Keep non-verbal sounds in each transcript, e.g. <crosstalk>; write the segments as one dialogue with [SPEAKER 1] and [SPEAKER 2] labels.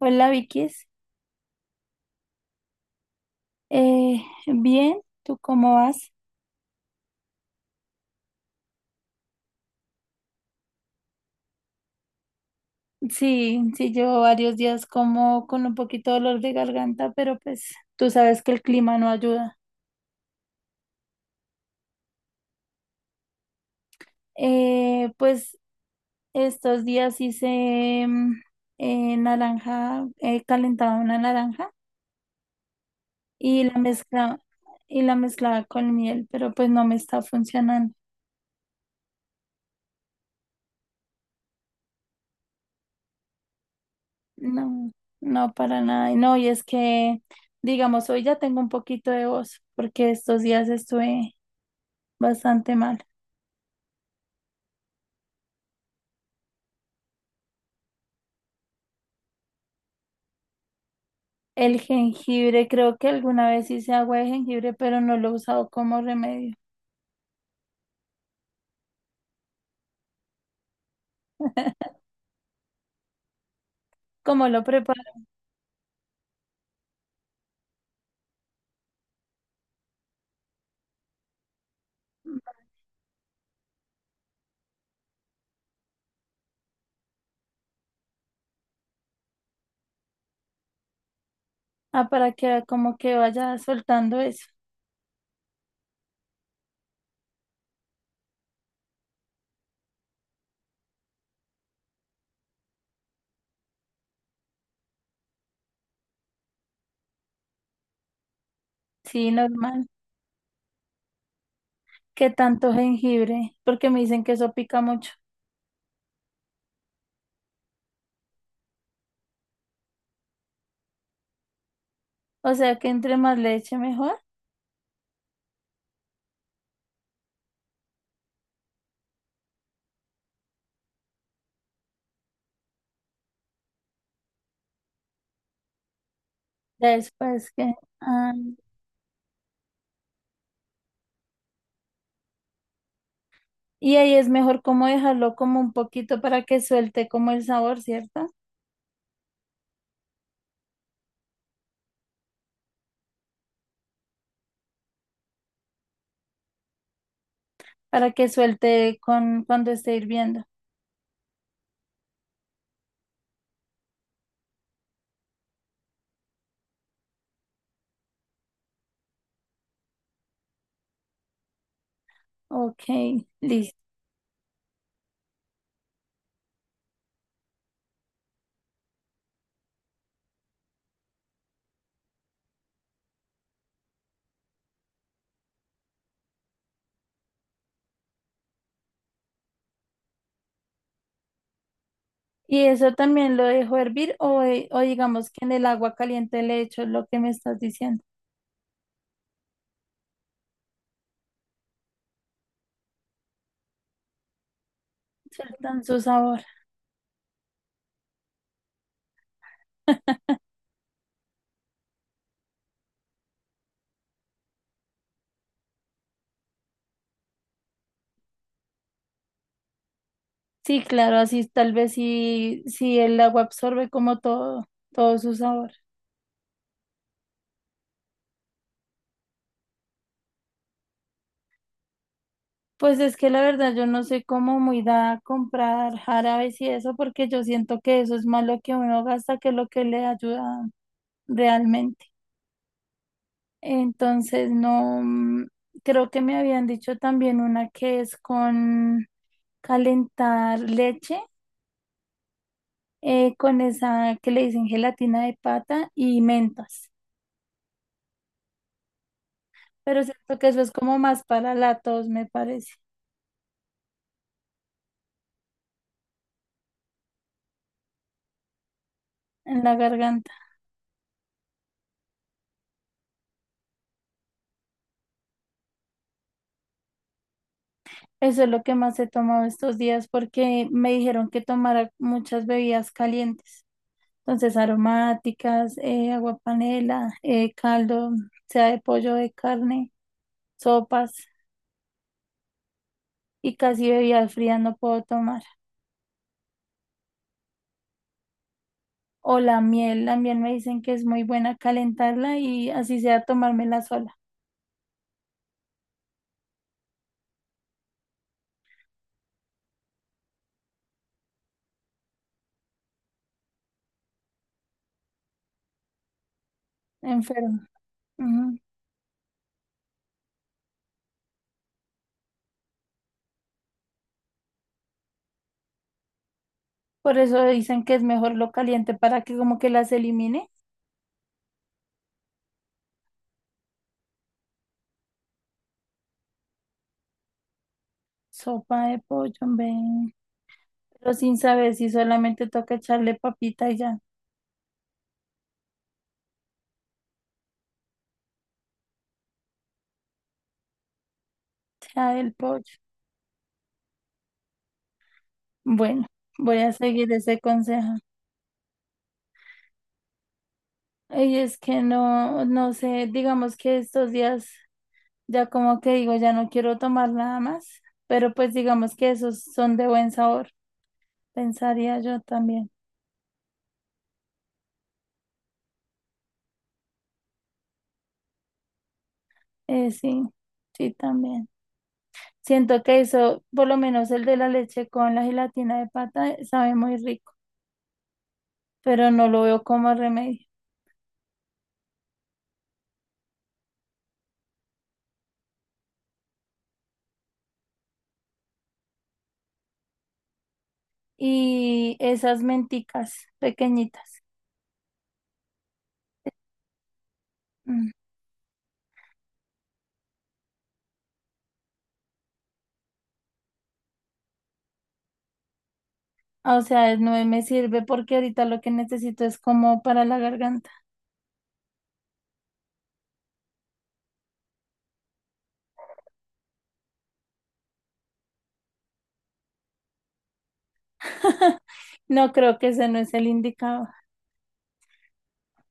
[SPEAKER 1] Hola Vicky, bien, ¿tú cómo vas? Sí, sí, llevo varios días como con un poquito de dolor de garganta, pero pues tú sabes que el clima no ayuda. Pues estos días hice naranja, calentaba una naranja y y la mezclaba con miel, pero pues no me está funcionando. No, no para nada. Y no, y es que, digamos, hoy ya tengo un poquito de voz, porque estos días estuve bastante mal. El jengibre, creo que alguna vez hice agua de jengibre, pero no lo he usado como remedio. ¿Cómo lo preparo? Ah, para que como que vaya soltando eso. Sí, normal. ¿Qué tanto jengibre? Porque me dicen que eso pica mucho. O sea que entre más leche mejor. Ya. Después que... ah, y ahí es mejor como dejarlo como un poquito para que suelte como el sabor, ¿cierto? Para que suelte con cuando esté hirviendo. Ok, listo. ¿Y eso también lo dejo hervir o digamos que en el agua caliente le echo lo que me estás diciendo? Sueltan su sabor. <laughs> Sí, claro, así tal vez si el agua absorbe como todo, todo su sabor. Pues es que la verdad yo no soy como muy dada a comprar jarabes y eso porque yo siento que eso es más lo que uno gasta que lo que le ayuda realmente. Entonces no, creo que me habían dicho también una que es con calentar leche con esa que le dicen gelatina de pata y mentas. Pero siento que eso es como más para la tos, me parece, en la garganta. Eso es lo que más he tomado estos días porque me dijeron que tomara muchas bebidas calientes. Entonces, aromáticas, agua panela, caldo, sea de pollo, de carne, sopas y casi bebidas frías no puedo tomar. O la miel me dicen que es muy buena calentarla y así sea tomármela sola, enfermo. Por eso dicen que es mejor lo caliente para que como que las elimine. Sopa de pollo, hombre. Pero sin saber si solamente toca echarle papita y ya, ya el pollo. Bueno, voy a seguir ese consejo. Y es que no, no sé, digamos que estos días ya como que digo, ya no quiero tomar nada más, pero pues digamos que esos son de buen sabor, pensaría yo también. Sí, sí, también. Siento que eso, por lo menos el de la leche con la gelatina de pata, sabe muy rico, pero no lo veo como remedio. Y esas menticas pequeñitas. Mm. O sea, no me sirve porque ahorita lo que necesito es como para la garganta. <laughs> No creo, que ese no es el indicado.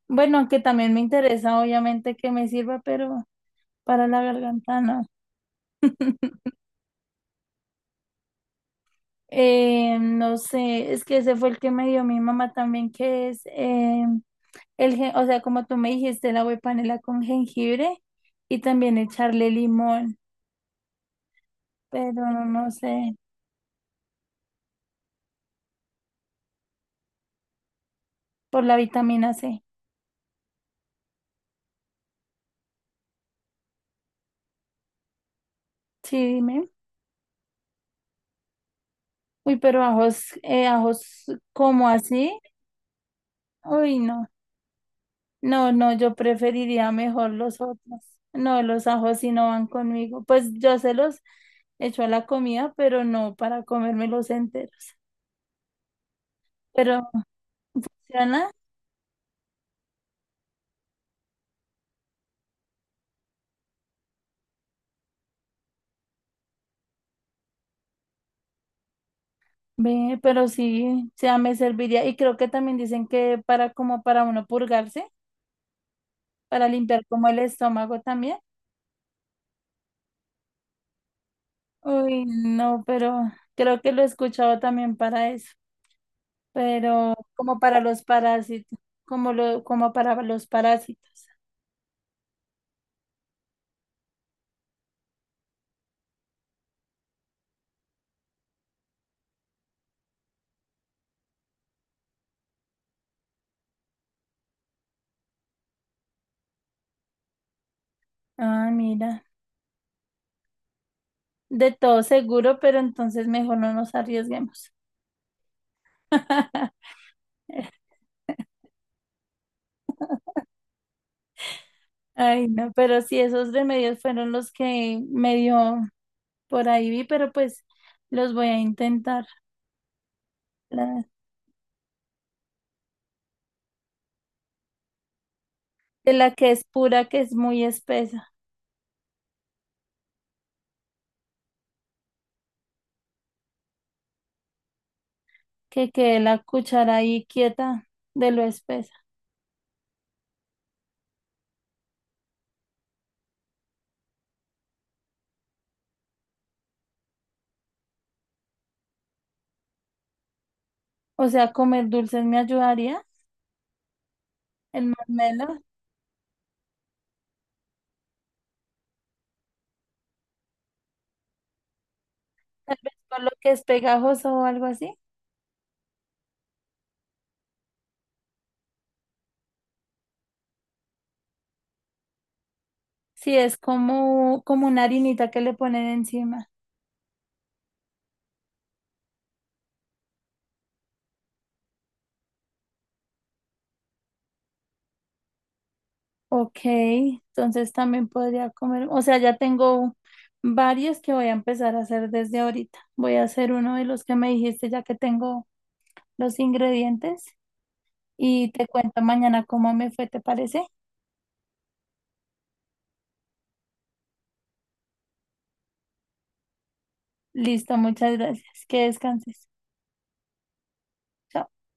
[SPEAKER 1] Bueno, aunque también me interesa, obviamente, que me sirva, pero para la garganta no. <laughs> No sé, es que ese fue el que me dio mi mamá también, que es el, o sea, como tú me dijiste, la agua de panela con jengibre y también echarle limón, pero no sé, por la vitamina C. Sí, dime. Uy, pero ajos, ajos como así. Uy, no. No, no, yo preferiría mejor los otros. No, los ajos sí no van conmigo. Pues yo se los echo a la comida, pero no para comérmelos enteros. Pero funciona, ve, pero sí, o sea, me serviría. Y creo que también dicen que para como para uno purgarse, para limpiar como el estómago también. Uy, no, pero creo que lo he escuchado también para eso, pero como para los parásitos, como lo, como para los parásitos. Ah, mira, de todo seguro, pero entonces mejor no nos arriesguemos. <laughs> Ay, no, pero sí, esos remedios fueron los que medio por ahí vi, pero pues los voy a intentar. La, de la que es pura, que es muy espesa. Que quede la cuchara ahí quieta de lo espesa. O sea, comer dulces me ayudaría, el marmelo, tal vez con lo que es pegajoso o algo así. Si es como, como una harinita que le ponen encima. Ok, entonces también podría comer, o sea, ya tengo varios que voy a empezar a hacer desde ahorita. Voy a hacer uno de los que me dijiste ya que tengo los ingredientes y te cuento mañana cómo me fue, ¿te parece? Listo, muchas gracias. Que descanses. Chao.